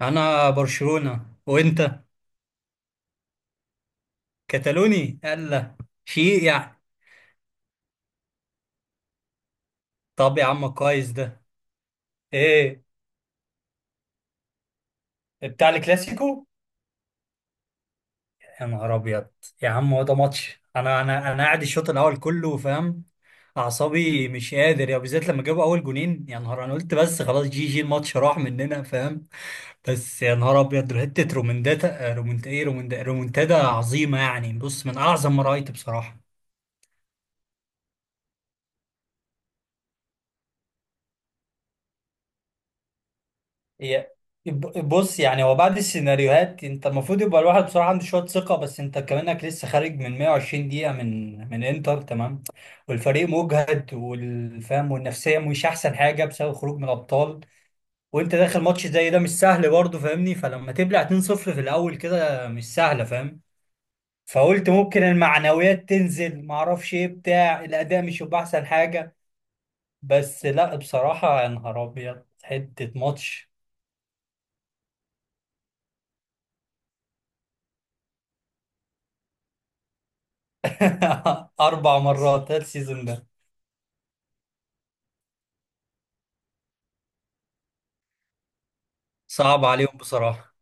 انا برشلونة. وانت كتالوني الا شيء يعني. طب يا عم، كويس ده. ايه بتاع الكلاسيكو. يا نهار ابيض يا عم، هو ده ماتش. انا قاعد الشوط الاول كله، فاهم؟ اعصابي مش قادر يا، بالذات لما جابوا اول جونين. يا نهار، انا قلت بس خلاص، جي جي، الماتش راح مننا، فاهم؟ بس يا نهار ابيض، حته رومنداتا رومنت ايه رومندا رومنتادا عظيمه يعني. بص، من اعظم ما رايت بصراحه. هي بص، يعني هو بعد السيناريوهات انت المفروض يبقى الواحد بصراحه عنده شويه ثقه. بس انت كمانك لسه خارج من 120 دقيقه من انتر، تمام؟ والفريق مجهد والفهم والنفسيه مش احسن حاجه بسبب خروج من الابطال. وانت داخل ماتش زي ده، مش سهل برضه، فاهمني؟ فلما تبلع 2-0 في الاول كده، مش سهله فاهم. فقلت ممكن المعنويات تنزل، معرفش، ايه بتاع الاداء مش يبقى احسن حاجه. بس لا بصراحه، يا نهار ابيض، حته ماتش. اربع مرات هذا السيزون ده. صعب عليهم بصراحه.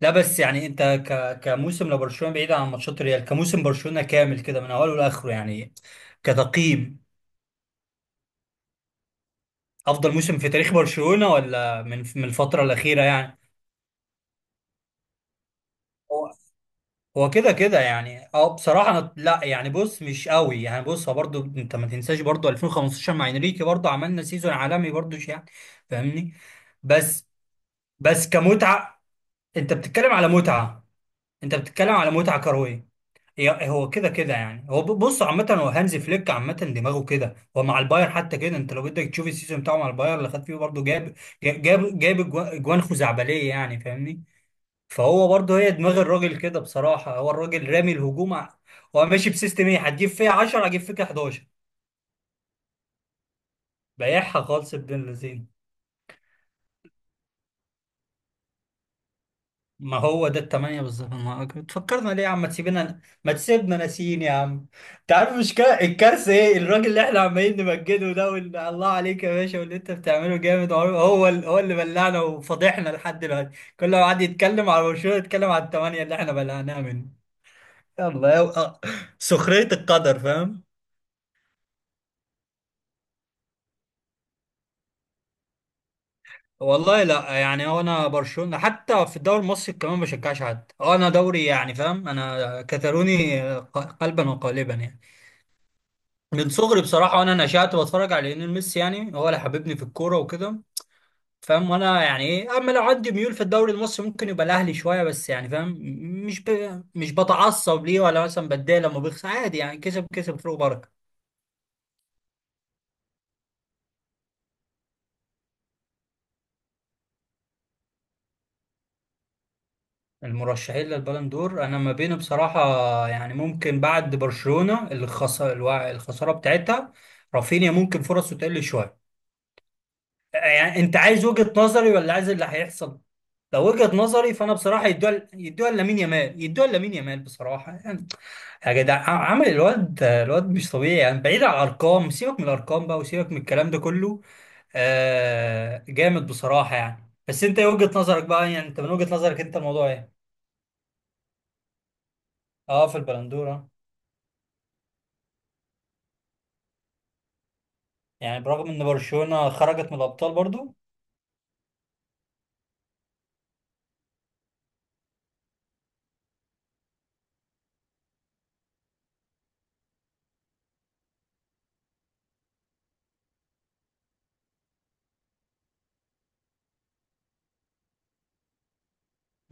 لا بس يعني انت كموسم لبرشلونه بعيد عن ماتشات ريال، كموسم برشلونه كامل كده من اوله لاخره يعني، كتقييم، افضل موسم في تاريخ برشلونه، ولا من الفتره الاخيره يعني؟ هو هو كده كده يعني. اه بصراحه، لا يعني بص، مش قوي يعني. بص، هو برضو انت ما تنساش برضو 2015 مع انريكي، برضو عملنا سيزون عالمي برضو يعني، فاهمني؟ بس بس كمتعه، انت بتتكلم على متعه، انت بتتكلم على متعه كرويه. هو كده كده يعني. هو بص، عامه هو هانزي فليك عامه دماغه كده. هو مع الباير حتى كده، انت لو بدك تشوف السيزون بتاعه مع الباير اللي خد فيه برضه، جاب اجوان خزعبليه يعني، فاهمني؟ فهو برضه، هي دماغ الراجل كده بصراحه، هو الراجل رامي الهجوم هو ماشي بسيستم ايه، هتجيب فيها 10 هجيب فيك 11. بايعها خالص ابن اللذين. ما هو ده التمانية بالظبط، ما تفكرنا ليه يا عم، ما تسيبنا ناسيين يا عم. انت عارف، مش الكارثة ايه، الراجل اللي احنا عمالين نمجده ده، واللي الله عليك يا باشا واللي انت بتعمله جامد، هو اللي بلعنا وفضحنا لحد دلوقتي. كل ما حد يتكلم على برشلونة، يتكلم على التمانية اللي احنا بلعناها منه. يلا. يا آه. سخرية القدر فاهم. والله لا يعني، هو انا برشلونة، حتى في الدوري المصري كمان ما بشجعش حد. هو انا دوري يعني فاهم، انا كتالوني قلبا وقالبا يعني، من صغري بصراحة. وأنا نشأت بتفرج على ليونيل ميسي، يعني هو اللي حببني في الكورة وكده، فاهم؟ وأنا يعني إيه، أما لو عندي ميول في الدوري المصري، ممكن يبقى الأهلي شوية، بس يعني فاهم، مش ب... مش بتعصب ليه، ولا مثلا بتضايق لما بيخسر، عادي يعني، كسب كسب فيه بركة. المرشحين للبالون دور أنا ما بينه بصراحة. يعني ممكن بعد برشلونة، اللي خسر الخسارة بتاعتها، رافينيا ممكن فرصه تقل شوية. يعني انت عايز وجهة نظري ولا عايز اللي هيحصل؟ لو وجهة نظري، فانا بصراحة يدوها يدوها لامين يامال، يدوها لامين يامال بصراحة يعني. يا جدع، عمل الواد، الواد مش طبيعي يعني. بعيد عن الارقام، سيبك من الارقام بقى وسيبك من الكلام ده كله. آه جامد بصراحة يعني. بس انت ايه وجهة نظرك بقى يعني، انت من وجهة نظرك انت الموضوع ايه؟ اه في البلندورة. يعني برغم ان برشلونة خرجت من الابطال برضو،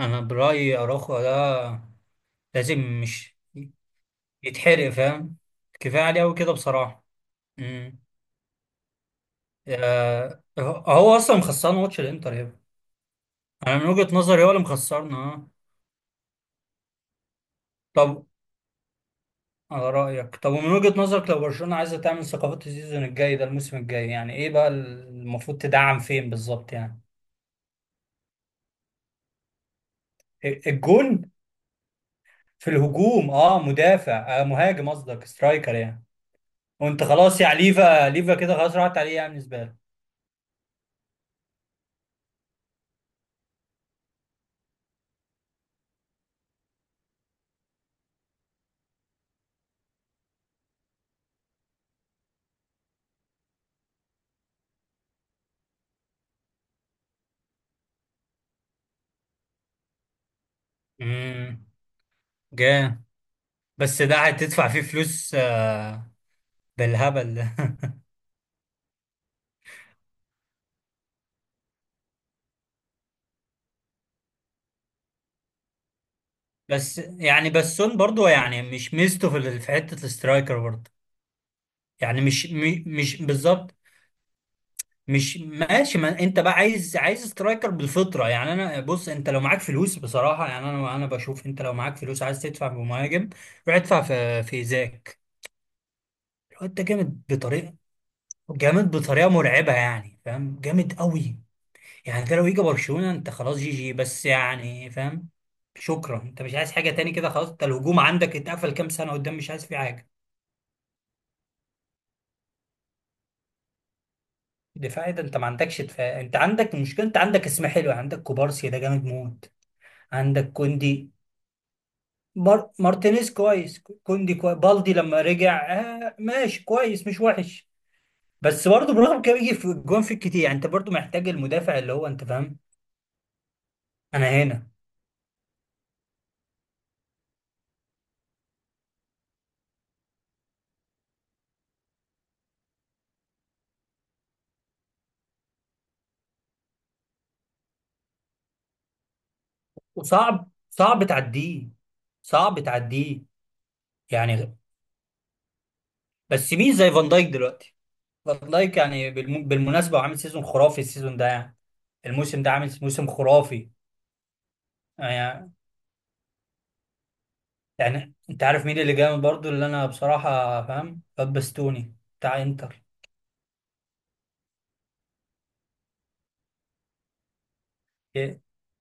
انا برأيي اراخو ده لازم مش يتحرق، فاهم؟ كفاية عليه قوي كده بصراحة. امم. يا هو اصلا مخسران ماتش الانتر يا ابني. انا من وجهة نظري هو اللي مخسرنا، اه. طب على رأيك، طب ومن وجهة نظرك لو برشلونة عايزة تعمل ثقافات السيزون الجاي ده، الموسم الجاي يعني، ايه بقى المفروض تدعم فين بالظبط يعني؟ الجون، في الهجوم اه. مدافع، آه مهاجم قصدك، سترايكر يعني. وانت خلاص يعني، ليفا ليفا كده خلاص راحت عليه، يعني بالنسبة لك. امم جامد. بس ده هتدفع فيه فلوس آه، بالهبل ده. بس يعني بسون برضو يعني مش ميزته في في حته الاسترايكر برضو يعني. مش مش بالظبط. مش ماشي، ما انت بقى عايز عايز سترايكر بالفطره يعني. انا بص، انت لو معاك فلوس بصراحه يعني، انا بشوف، انت لو معاك فلوس عايز تدفع بمهاجم، روح ادفع في ايزاك. لو انت جامد بطريقه، جامد بطريقه مرعبه يعني فاهم، جامد قوي يعني. انت لو يجي برشلونه، انت خلاص جي جي بس، يعني فاهم، شكرا، انت مش عايز حاجه تاني كده خلاص. انت الهجوم عندك اتقفل كام سنه قدام، مش عايز فيه حاجه. دفاعي ده، انت ما عندكش دفاع. انت عندك المشكله، انت عندك اسم حلو. عندك كوبارسي ده جامد موت، عندك كوندي، مارتينيز كويس، كوندي كويس، بالدي لما رجع آه ماشي كويس مش وحش. بس برضه برغم كده بيجي في الجون في كتير يعني، انت برضه محتاج المدافع اللي هو، انت فاهم؟ انا هنا. وصعب صعب تعديه، صعب تعديه يعني. بس مين زي فان دايك دلوقتي؟ فان دايك يعني بالمناسبه هو عامل سيزون خرافي السيزون ده يعني، الموسم ده عامل موسم خرافي يعني. يعني انت عارف مين اللي جامد برضو اللي انا بصراحة، فاهم؟ بابستوني بتاع انتر. يا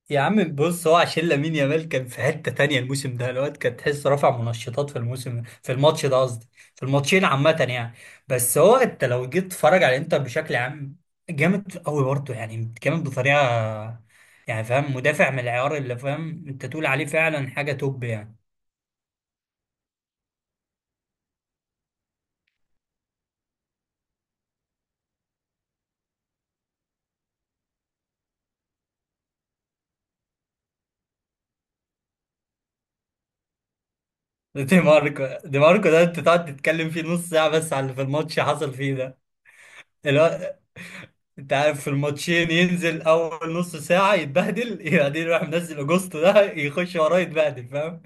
يا عم بص، هو عشان لامين يامال كان في حتة تانية الموسم ده، الواد كان تحس رافع منشطات في الموسم، في الماتش ده قصدي، في الماتشين عامة يعني. بس هو انت لو جيت تتفرج على الانتر بشكل عام، جامد قوي برضو يعني، جامد بطريقة يعني فاهم، مدافع من العيار اللي، فاهم؟ انت تقول عليه فعلا حاجة توب يعني. دي ماركو، دي ماركو ده انت تقعد تتكلم فيه نص ساعة بس على اللي في الماتش حصل فيه ده. انت عارف في الماتشين ينزل اول نص ساعه يتبهدل، بعدين يروح منزل اجوستو ده يخش وراه يتبهدل فاهم.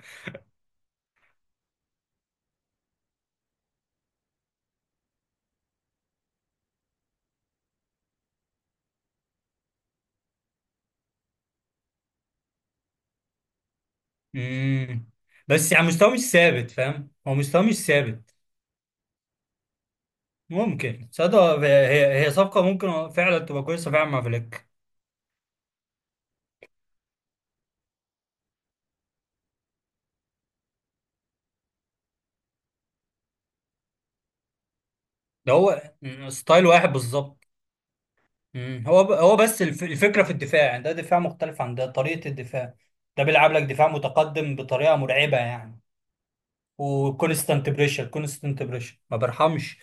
امم. بس يعني مستواه مش ثابت، فاهم، هو مستواه مش ثابت. ممكن صدق، هي صفقه ممكن فعلا تبقى كويسه فعلا مع فليك. ده هو ستايل واحد بالظبط. هو هو بس الفكره في الدفاع يعني، ده دفاع مختلف عن ده، طريقه الدفاع ده بيلعب لك دفاع متقدم بطريقه مرعبه يعني. وكونستانت بريشر، كونستانت بريشر ما برحمش.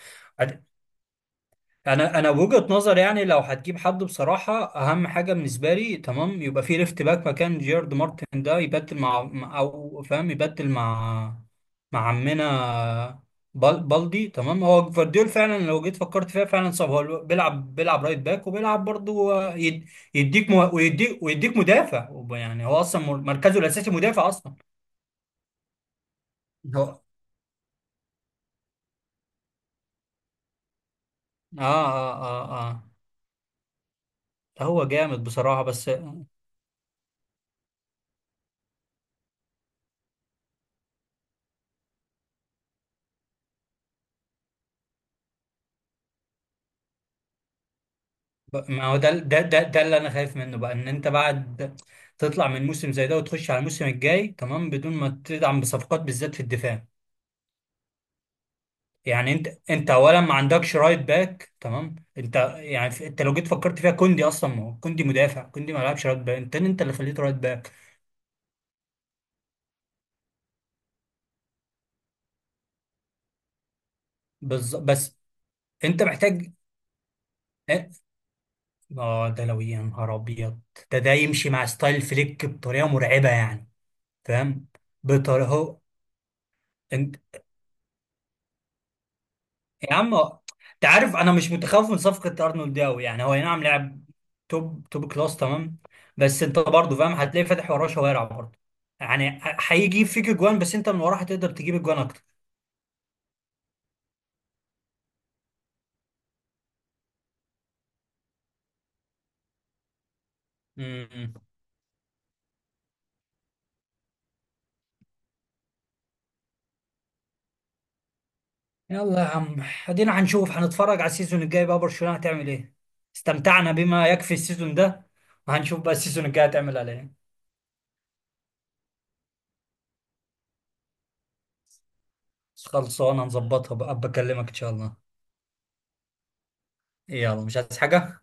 انا وجهة نظر يعني، لو هتجيب حد بصراحه اهم حاجه بالنسبه لي تمام، يبقى في ليفت باك مكان جيرارد مارتن، ده يبدل مع او فاهم، يبدل مع مع عمنا بالدي تمام. هو فارديول فعلا، لو جيت فكرت فيها فعلا صعب. هو بيلعب رايت باك وبيلعب برضه، يد- يديك مه- ويديك ويديك مدافع يعني، هو اصلا مركزه الاساسي مدافع اصلا. هو، اه اه اه اه، هو جامد بصراحه بس. ما هو ده ده اللي انا خايف منه بقى، ان انت بعد تطلع من موسم زي ده وتخش على الموسم الجاي تمام، بدون ما تدعم بصفقات بالذات في الدفاع يعني. انت اولا ما عندكش رايت باك تمام، انت يعني انت لو جيت فكرت فيها كوندي اصلا، ما هو كوندي مدافع، كوندي ما لعبش رايت باك، انت اللي خليته رايت باك. بس انت محتاج اه. آه، ده لو يا نهار ابيض، ده يمشي مع ستايل فليك بطريقه مرعبه يعني فاهم، بطريقه. يا عم انت عارف انا مش متخوف من صفقه ارنولد دي قوي يعني. هو أي نعم لاعب توب توب كلاس تمام، بس انت برضه فاهم هتلاقي فاتح وراه شوارع برضه يعني، هيجيب فيك اجوان بس انت من وراه هتقدر تجيب اجوان اكتر. امم. يلا يا عم، ادينا هنشوف، هنتفرج على السيزون الجاي بقى برشلونه هتعمل ايه. استمتعنا بما يكفي السيزون ده، وهنشوف بقى السيزون الجاي هتعمل على ايه. خلصانه نظبطها بقى، بكلمك ان شاء الله. يلا مش عايز حاجه.